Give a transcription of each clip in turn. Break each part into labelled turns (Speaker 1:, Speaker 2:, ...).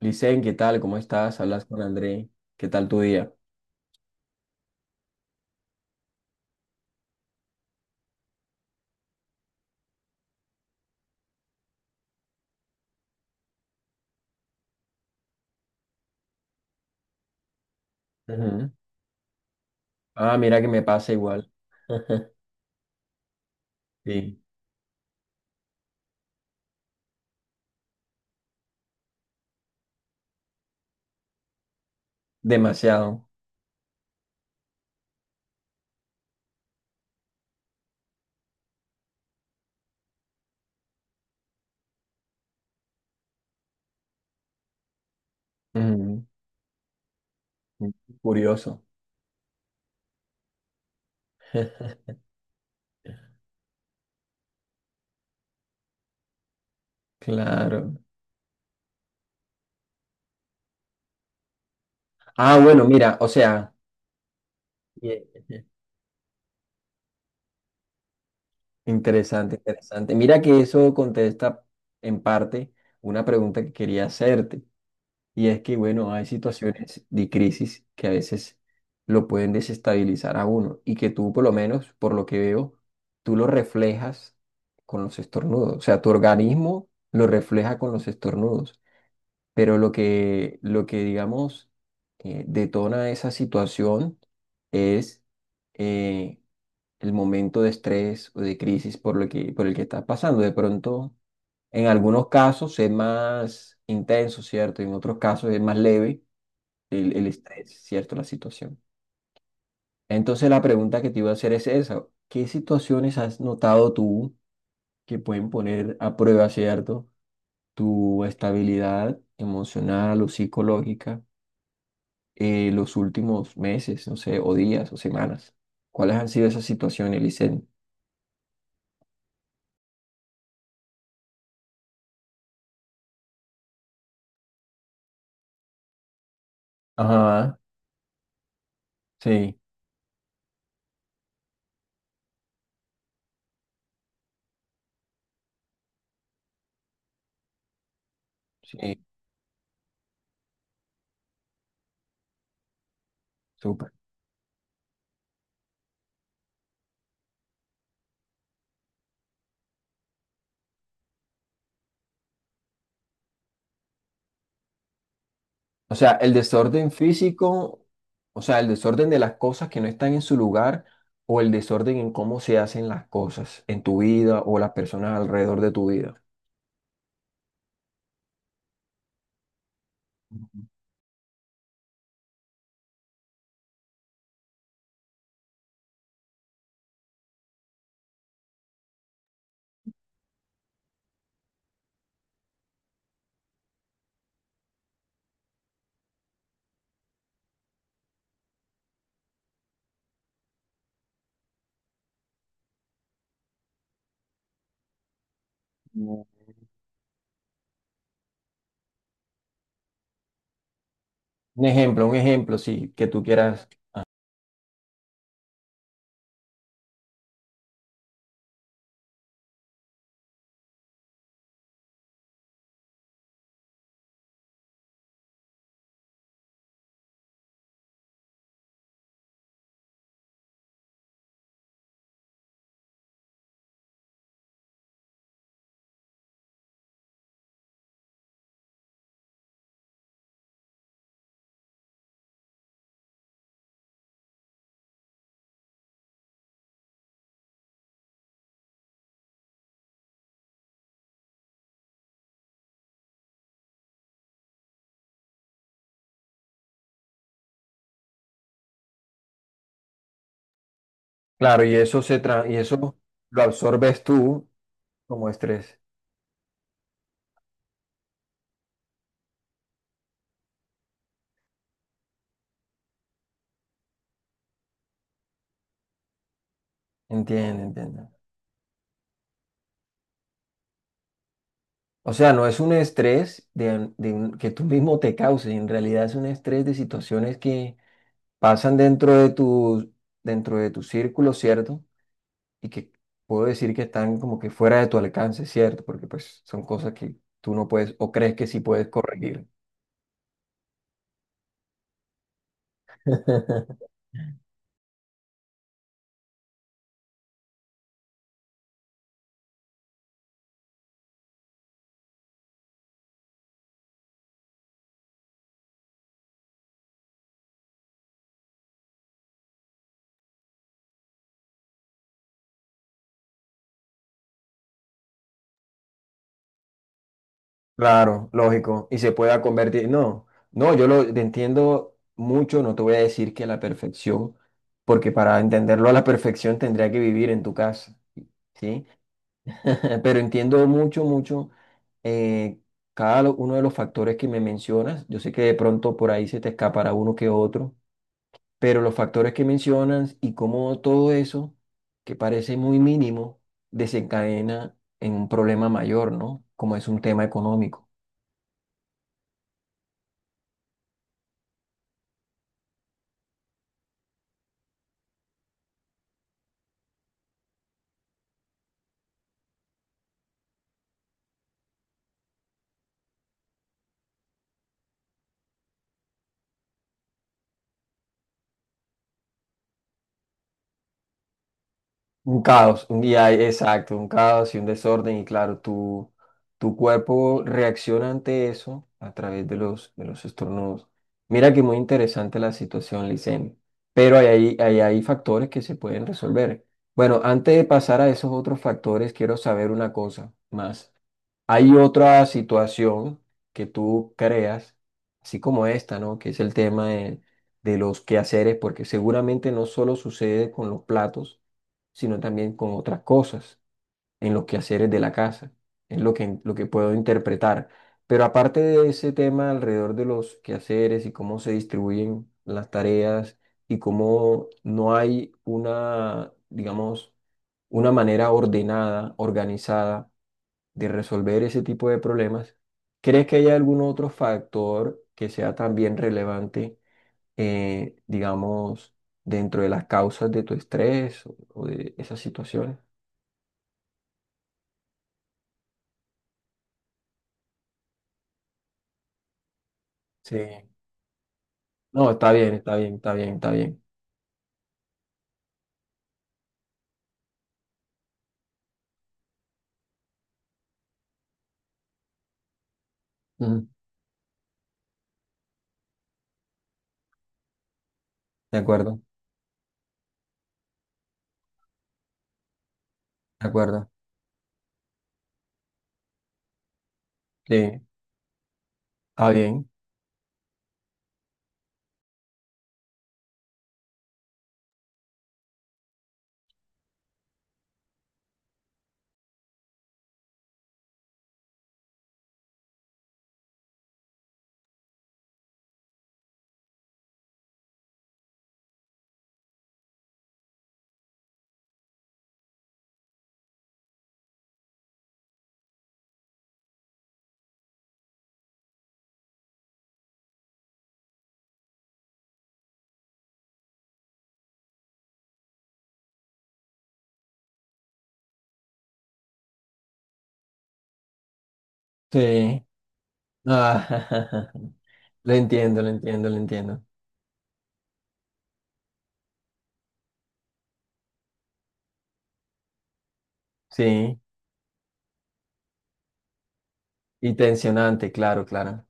Speaker 1: Licen, ¿qué tal? ¿Cómo estás? Hablas con André. ¿Qué tal tu día? Ujú. Ah, mira que me pasa igual. Sí, demasiado. Ujú. Curioso. Claro. Ah, bueno, mira, o sea. Bien. Interesante, interesante. Mira que eso contesta en parte una pregunta que quería hacerte. Y es que, bueno, hay situaciones de crisis que a veces lo pueden desestabilizar a uno y que tú, por lo menos, por lo que veo, tú lo reflejas con los estornudos. O sea, tu organismo lo refleja con los estornudos. Pero lo que digamos, detona esa situación es, eh, el momento de estrés o de crisis por el que estás pasando. De pronto, en algunos casos es más intenso, ¿cierto? En otros casos es más leve el estrés, ¿cierto? La situación. Entonces la pregunta que te iba a hacer es esa. ¿Qué situaciones has notado tú que pueden poner a prueba, ¿cierto? Tu estabilidad emocional o psicológica, los últimos meses, no sé, o días o semanas. ¿Cuáles han sido esas situaciones, Licen? Ajá, sí. Sí, súper. O sea, el desorden físico, o sea, el desorden de las cosas que no están en su lugar o el desorden en cómo se hacen las cosas en tu vida o las personas alrededor de tu vida. No. Un ejemplo, sí, que tú quieras. Claro, y eso lo absorbes tú como estrés. Entiende, entiende. O sea, no es un estrés de que tú mismo te causes, en realidad es un estrés de situaciones que pasan dentro de tu círculo, ¿cierto? Y que puedo decir que están como que fuera de tu alcance, ¿cierto? Porque pues son cosas que tú no puedes o crees que sí puedes corregir. Claro, lógico, y se pueda convertir. No, no, yo lo te entiendo mucho, no te voy a decir que a la perfección, porque para entenderlo a la perfección tendría que vivir en tu casa, ¿sí? Pero entiendo mucho, mucho, eh, cada uno de los factores que me mencionas. Yo sé que de pronto por ahí se te escapará uno que otro, pero los factores que mencionas y cómo todo eso, que parece muy mínimo, desencadena en un problema mayor, ¿no? Como es un tema económico. Un caos, un día, exacto, un caos y un desorden. Y claro, tu cuerpo reacciona ante eso a través de los estornudos. Mira que muy interesante la situación, Licen. Pero ahí hay factores que se pueden resolver. Bueno, antes de pasar a esos otros factores, quiero saber una cosa más. Hay otra situación que tú creas, así como esta, ¿no? Que es el tema de los quehaceres, porque seguramente no solo sucede con los platos, sino también con otras cosas en los quehaceres de la casa. Es lo que puedo interpretar. Pero aparte de ese tema alrededor de los quehaceres y cómo se distribuyen las tareas y cómo no hay una, digamos, una manera ordenada, organizada de resolver ese tipo de problemas, ¿crees que hay algún otro factor que sea también relevante, digamos, dentro de las causas de tu estrés o de esas situaciones? Sí. No, está bien, está bien, está bien, está bien. Ujú. De acuerdo, de acuerdo. Sí, está bien. Sí. Ah, lo entiendo, lo entiendo, lo entiendo. Sí, y tensionante, claro, claro.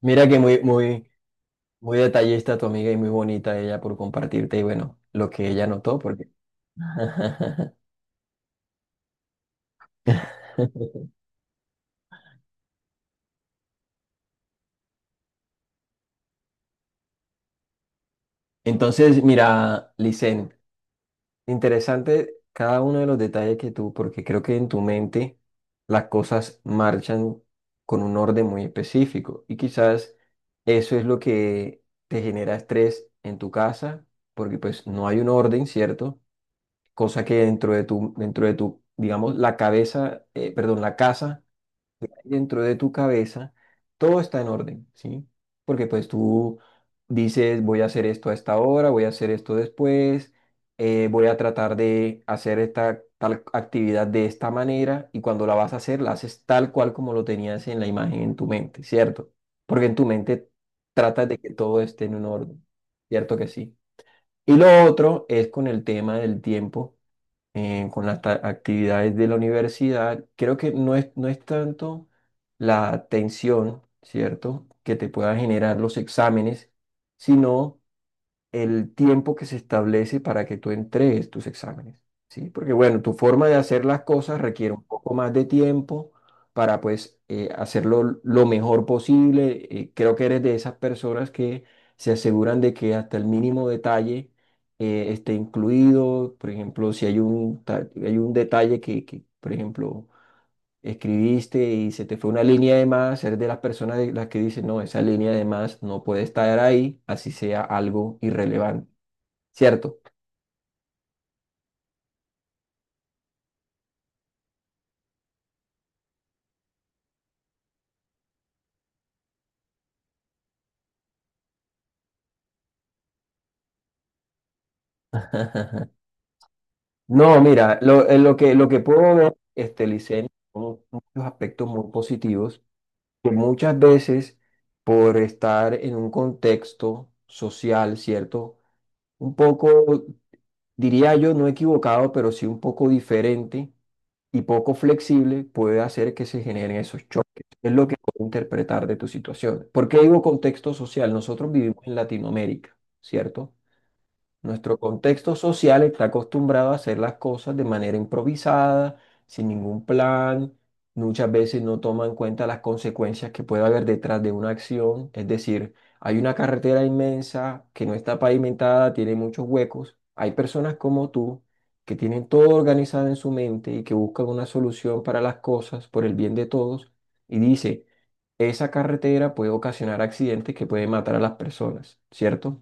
Speaker 1: Mira que muy, muy, muy detallista tu amiga y muy bonita ella por compartirte y bueno, lo que ella notó, porque... Entonces, mira, Licen, interesante cada uno de los detalles que tú, porque creo que en tu mente las cosas marchan con un orden muy específico y quizás eso es lo que te genera estrés en tu casa, porque pues no hay un orden, ¿cierto? Cosa que dentro de tu, digamos, la cabeza, perdón, la casa, dentro de tu cabeza, todo está en orden, ¿sí? Porque pues tú dices, voy a hacer esto a esta hora, voy a hacer esto después, voy a tratar de hacer esta tal actividad de esta manera y cuando la vas a hacer, la haces tal cual como lo tenías en la imagen en tu mente, ¿cierto? Porque en tu mente tratas de que todo esté en un orden, ¿cierto que sí? Y lo otro es con el tema del tiempo, con las actividades de la universidad. Creo que no es tanto la tensión, ¿cierto?, que te puedan generar los exámenes, sino el tiempo que se establece para que tú entregues tus exámenes, ¿sí? Porque bueno, tu forma de hacer las cosas requiere un poco más de tiempo para pues, hacerlo lo mejor posible. Creo que eres de esas personas que se aseguran de que hasta el mínimo detalle esté incluido. Por ejemplo, si hay hay un detalle que, por ejemplo, escribiste y se te fue una línea de más, eres de las personas de las que dicen, no, esa línea de más no puede estar ahí, así sea algo irrelevante. ¿Cierto? No, mira, lo que puedo ver, este, Licen, son muchos aspectos muy positivos, que muchas veces por estar en un contexto social, ¿cierto? Un poco, diría yo, no equivocado, pero sí un poco diferente y poco flexible, puede hacer que se generen esos choques. Es lo que puedo interpretar de tu situación. ¿Por qué digo contexto social? Nosotros vivimos en Latinoamérica, ¿cierto? Nuestro contexto social está acostumbrado a hacer las cosas de manera improvisada, sin ningún plan. Muchas veces no toma en cuenta las consecuencias que puede haber detrás de una acción. Es decir, hay una carretera inmensa que no está pavimentada, tiene muchos huecos. Hay personas como tú que tienen todo organizado en su mente y que buscan una solución para las cosas por el bien de todos y dice, esa carretera puede ocasionar accidentes que pueden matar a las personas, ¿cierto?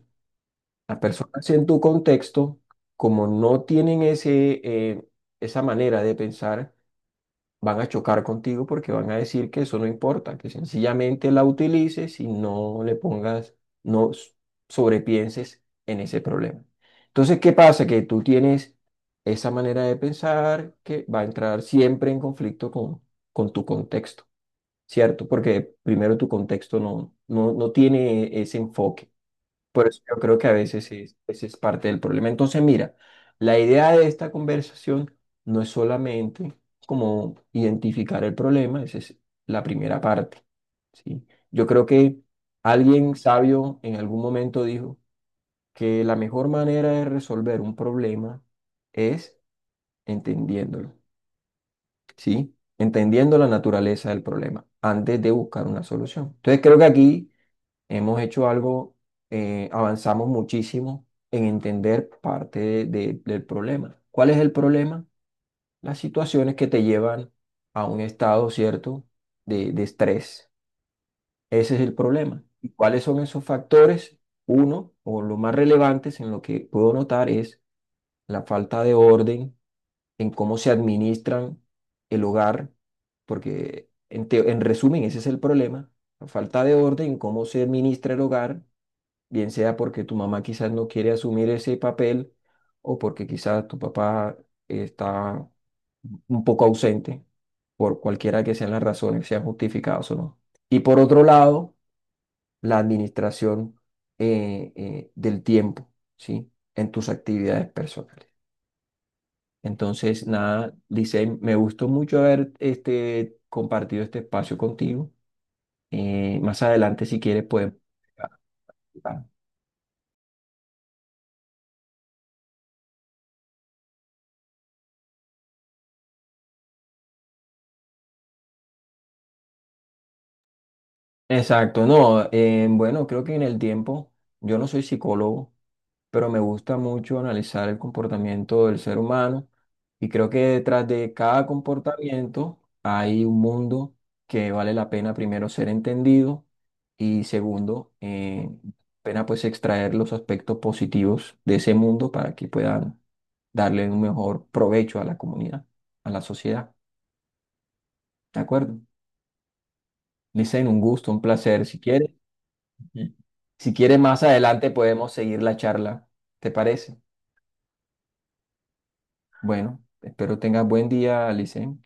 Speaker 1: Las personas en tu contexto, como no tienen esa manera de pensar, van a chocar contigo porque van a decir que eso no importa, que sencillamente la utilices y no le pongas, no s- sobrepienses en ese problema. Entonces, ¿qué pasa? Que tú tienes esa manera de pensar que va a entrar siempre en conflicto con tu contexto, ¿cierto? Porque primero tu contexto no tiene ese enfoque. Por eso yo creo que a veces ese es parte del problema. Entonces, mira, la idea de esta conversación no es solamente como identificar el problema, esa es la primera parte, ¿sí? Yo creo que alguien sabio en algún momento dijo que la mejor manera de resolver un problema es entendiéndolo, ¿sí? Entendiendo la naturaleza del problema antes de buscar una solución. Entonces, creo que aquí hemos hecho algo, avanzamos muchísimo en entender parte del problema. ¿Cuál es el problema? Las situaciones que te llevan a un estado, ¿cierto?, de estrés. Ese es el problema. ¿Y cuáles son esos factores? Uno, o lo más relevantes en lo que puedo notar es la falta de orden en cómo se administran el hogar, porque en resumen ese es el problema, la falta de orden en cómo se administra el hogar, bien sea porque tu mamá quizás no quiere asumir ese papel o porque quizás tu papá está un poco ausente, por cualquiera que sean las razones, sean justificadas o no. Y por otro lado, la administración, del tiempo, ¿sí? En tus actividades personales. Entonces, nada, dice, me gustó mucho haber este, compartido este espacio contigo. Más adelante, si quieres, podemos... Exacto, no, bueno, creo que en el tiempo, yo no soy psicólogo, pero me gusta mucho analizar el comportamiento del ser humano y creo que detrás de cada comportamiento hay un mundo que vale la pena primero ser entendido y segundo, pena pues extraer los aspectos positivos de ese mundo para que puedan darle un mejor provecho a la comunidad, a la sociedad. De acuerdo. Un gusto, un placer, si quieres, Mm. Si quieres, más adelante podemos seguir la charla. ¿Te parece? Bueno, espero tengas buen día, Alicen.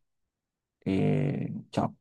Speaker 1: Chao.